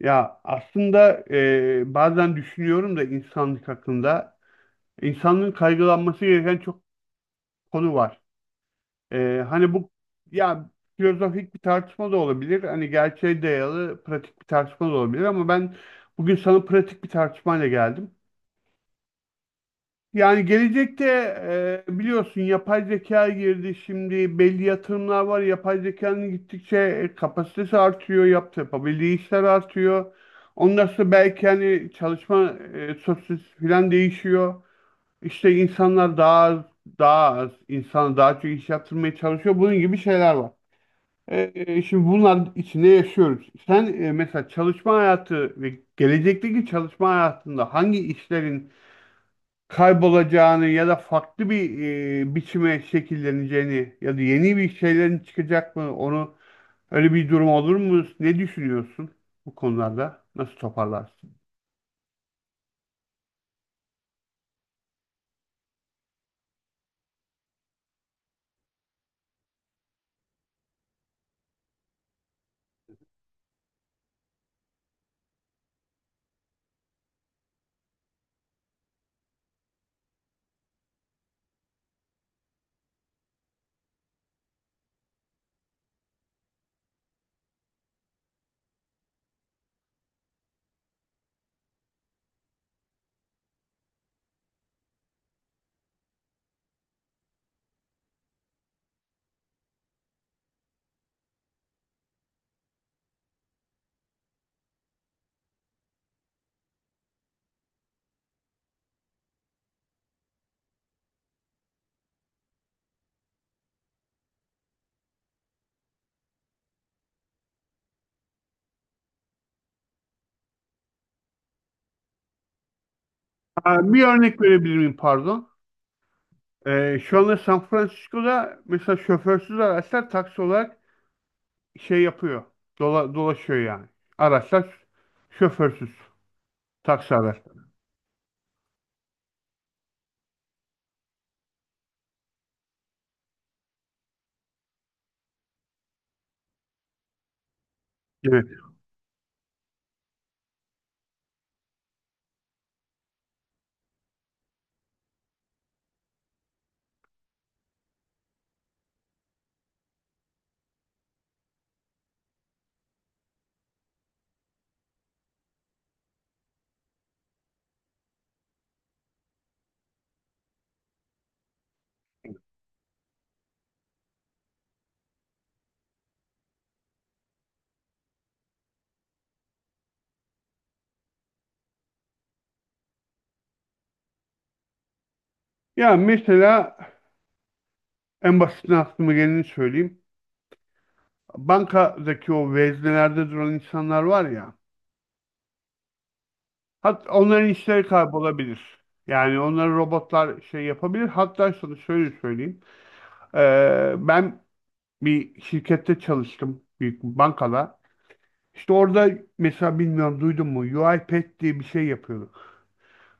Ya aslında bazen düşünüyorum da insanlık hakkında insanlığın kaygılanması gereken çok konu var. Hani bu ya filozofik bir tartışma da olabilir. Hani gerçeğe dayalı pratik bir tartışma da olabilir ama ben bugün sana pratik bir tartışmayla geldim. Yani gelecekte biliyorsun yapay zeka girdi. Şimdi belli yatırımlar var. Yapay zekanın gittikçe kapasitesi artıyor. Yapabildiği işler artıyor. Ondan sonra belki hani çalışma sosyolojisi falan değişiyor. İşte insanlar insana daha çok iş yaptırmaya çalışıyor. Bunun gibi şeyler var. Şimdi bunlar içinde yaşıyoruz. Sen mesela çalışma hayatı ve gelecekteki çalışma hayatında hangi işlerin kaybolacağını ya da farklı bir biçime şekilleneceğini ya da yeni bir şeylerin çıkacak mı onu öyle bir durum olur mu? Ne düşünüyorsun bu konularda? Nasıl toparlarsın? Ha, bir örnek verebilir miyim pardon? Şu anda San Francisco'da mesela şoförsüz araçlar taksi olarak şey yapıyor. Dolaşıyor yani. Araçlar şoförsüz. Taksi araçları. Evet. Ya mesela en basitinden aklıma geleni söyleyeyim. Bankadaki o veznelerde duran insanlar var ya. Onların işleri kaybolabilir. Yani onları robotlar şey yapabilir. Hatta sana şöyle söyleyeyim. Ben bir şirkette çalıştım. Büyük bir bankada. İşte orada mesela bilmiyorum duydun mu UiPath diye bir şey yapıyorduk.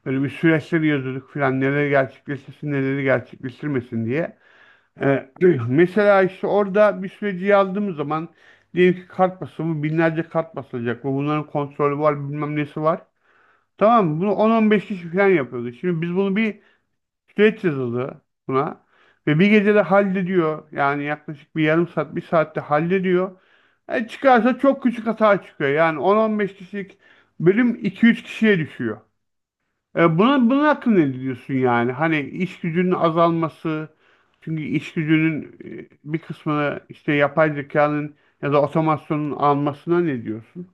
Böyle bir süreçleri yazıyorduk filan neleri gerçekleştirsin neleri gerçekleştirmesin diye. E, mesela işte orada bir süreci yazdığımız zaman diyelim ki kart basımı binlerce kart basılacak ve bunların kontrolü var bilmem nesi var. Tamam mı? Bunu 10-15 kişi falan yapıyordu. Şimdi biz bunu bir süreç yazıldı buna ve bir gecede hallediyor. Yani yaklaşık bir yarım saat bir saatte hallediyor. Çıkarsa çok küçük hata çıkıyor. Yani 10-15 kişilik bölüm 2-3 kişiye düşüyor. Bunun hakkında ne diyorsun yani? Hani iş gücünün azalması, çünkü iş gücünün bir kısmını işte yapay zekanın ya da otomasyonun almasına ne diyorsun?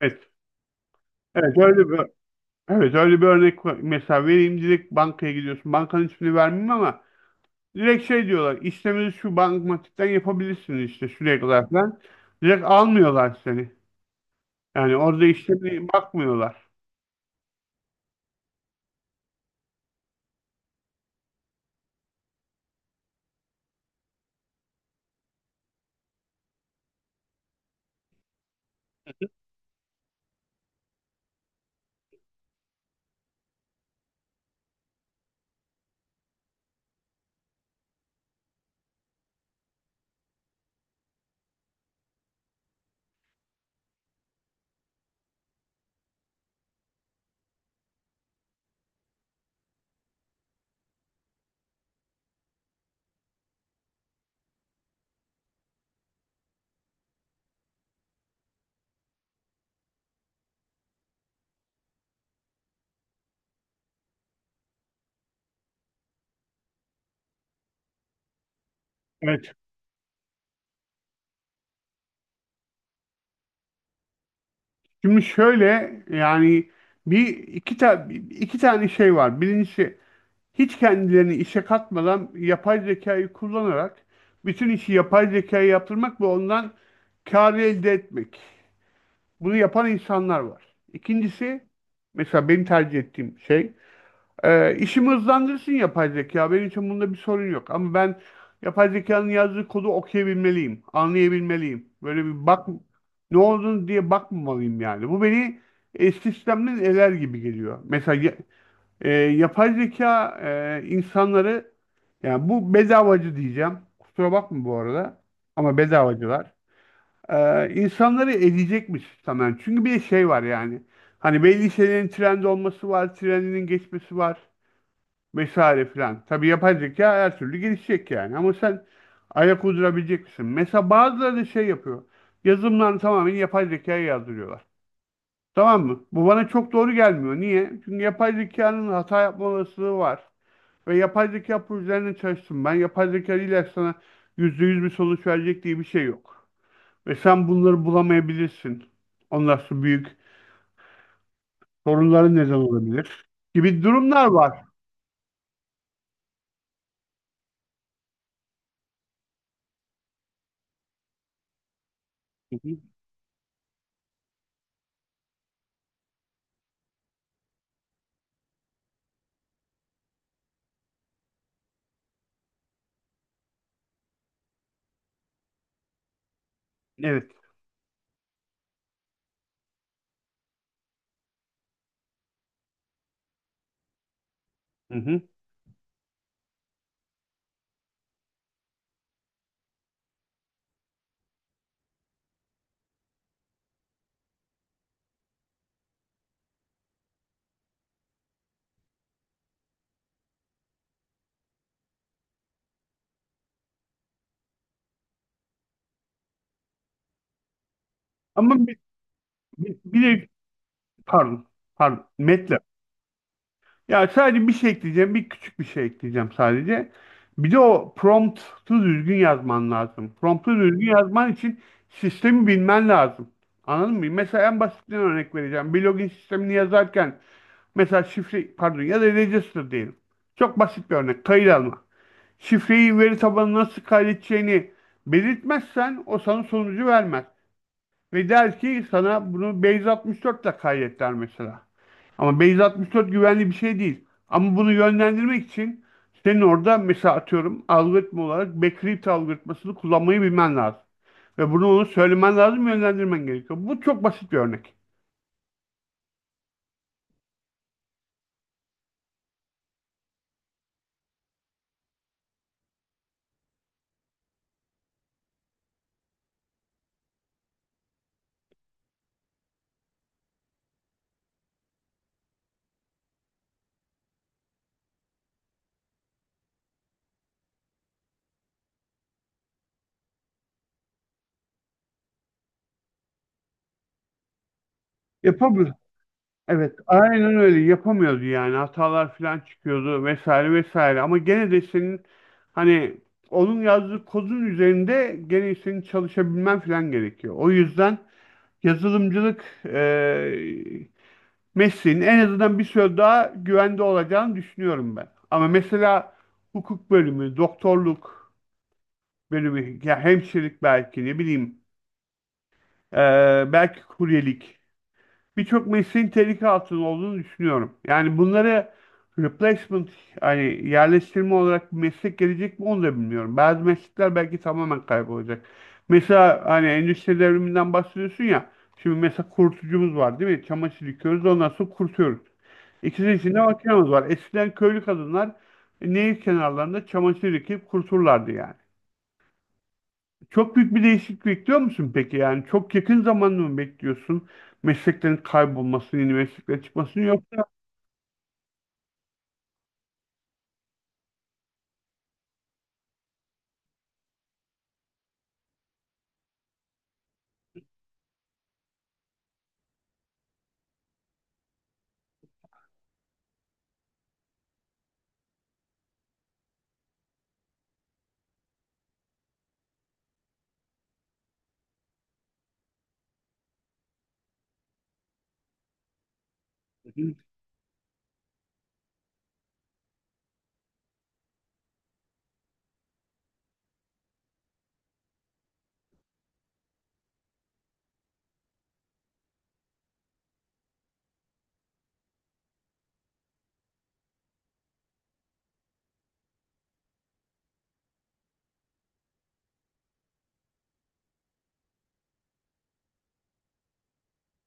Evet. Evet öyle bir evet, öyle bir örnek var. Mesela vereyim, direkt bankaya gidiyorsun. Bankanın ismini vermeyeyim ama direkt şey diyorlar. İşlemini şu bankamatikten yapabilirsiniz işte şuraya kadar falan. Direkt almıyorlar seni. Yani orada işlemine bakmıyorlar. Evet. Şimdi şöyle yani bir iki ta iki tane şey var. Birincisi, hiç kendilerini işe katmadan yapay zekayı kullanarak bütün işi yapay zekaya yaptırmak ve ondan kar elde etmek. Bunu yapan insanlar var. İkincisi, mesela benim tercih ettiğim şey, işimi hızlandırsın yapay zeka. Benim için bunda bir sorun yok. Ama ben yapay zekanın yazdığı kodu okuyabilmeliyim, anlayabilmeliyim. Böyle bir bak ne olduğunu diye bakmamalıyım yani. Bu beni sistemden eler gibi geliyor. Mesela yapay zeka insanları, yani bu bedavacı diyeceğim. Kusura bakma bu arada. Ama bedavacılar. E, insanları edecekmiş tamamen. Çünkü bir şey var yani. Hani belli şeylerin trend olması var, trendinin geçmesi var vesaire filan. Tabii yapay zeka her türlü gelişecek yani. Ama sen ayak uydurabilecek misin? Mesela bazıları da şey yapıyor. Yazılımlarını tamamen yapay zekaya yazdırıyorlar. Tamam mı? Bu bana çok doğru gelmiyor. Niye? Çünkü yapay zekanın hata yapma olasılığı var. Ve yapay zeka projelerine çalıştım. Ben yapay zeka ile sana %100 bir sonuç verecek diye bir şey yok. Ve sen bunları bulamayabilirsin. Ondan sonra büyük sorunların neden olabilir gibi durumlar var. Hı hı. Evet. Hı hı. Ama bir de. Pardon. Pardon. Metle. Ya sadece bir şey ekleyeceğim. Bir küçük bir şey ekleyeceğim sadece. Bir de o promptu düzgün yazman lazım. Promptu düzgün yazman için sistemi bilmen lazım. Anladın mı? Mesela en basitinden örnek vereceğim. Bir login sistemini yazarken mesela şifre, pardon, ya da register diyelim. Çok basit bir örnek. Kayıt alma. Şifreyi veri tabanına nasıl kaydedeceğini belirtmezsen o sana sonucu vermez. Ve der ki sana, bunu Base 64 ile kaydet der mesela. Ama Base 64 güvenli bir şey değil. Ama bunu yönlendirmek için senin orada mesela atıyorum algoritma olarak backrift algoritmasını kullanmayı bilmen lazım. Ve bunu onu söylemen lazım, yönlendirmen gerekiyor. Bu çok basit bir örnek. Yapamıyoruz. Evet, aynen öyle, yapamıyordu yani, hatalar falan çıkıyordu vesaire vesaire, ama gene de senin hani onun yazdığı kodun üzerinde gene senin çalışabilmen falan gerekiyor. O yüzden yazılımcılık Messi'nin en azından bir süre daha güvende olacağını düşünüyorum ben. Ama mesela hukuk bölümü, doktorluk bölümü, ya hemşirelik belki, ne bileyim, belki kuryelik, birçok mesleğin tehlike altında olduğunu düşünüyorum. Yani bunları replacement, hani yerleştirme olarak bir meslek gelecek mi onu da bilmiyorum. Bazı meslekler belki tamamen kaybolacak. Mesela hani endüstri devriminden bahsediyorsun ya. Şimdi mesela kurutucumuz var değil mi? Çamaşır yıkıyoruz ondan sonra kurutuyoruz. İkisinin içinde makinamız var. Eskiden köylü kadınlar nehir kenarlarında çamaşır yıkayıp kuruturlardı yani. Çok büyük bir değişiklik bekliyor musun peki? Yani çok yakın zamanda mı bekliyorsun mesleklerin kaybolmasını, yeni mesleklerin çıkmasını, yok?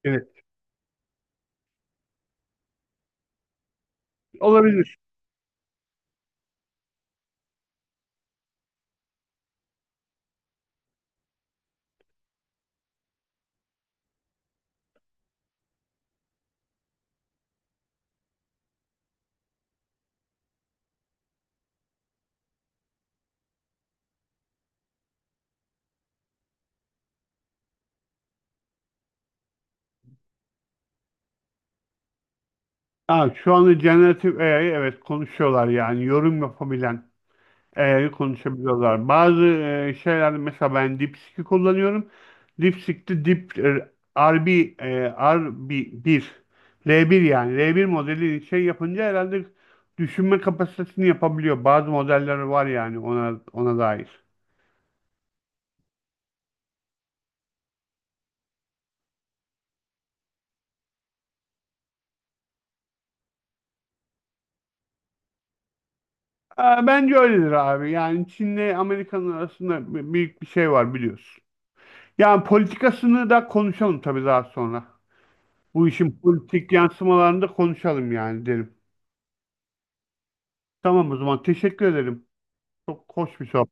Evet. Olabilir. Ha, şu anda generatif AI, evet, konuşuyorlar yani, yorum yapabilen konuşabiliyorlar. Bazı şeylerde mesela ben DeepSeek'i kullanıyorum. DeepSeek'te Deep RB e, rb bir L1, yani L1 modeli şey yapınca herhalde düşünme kapasitesini yapabiliyor. Bazı modeller var yani, ona dair. Ee, Bence öyledir abi. Yani Çin'le Amerika'nın arasında büyük bir şey var biliyorsun. Yani politikasını da konuşalım tabii daha sonra. Bu işin politik yansımalarını da konuşalım yani, derim. Tamam o zaman, teşekkür ederim. Çok hoş bir şey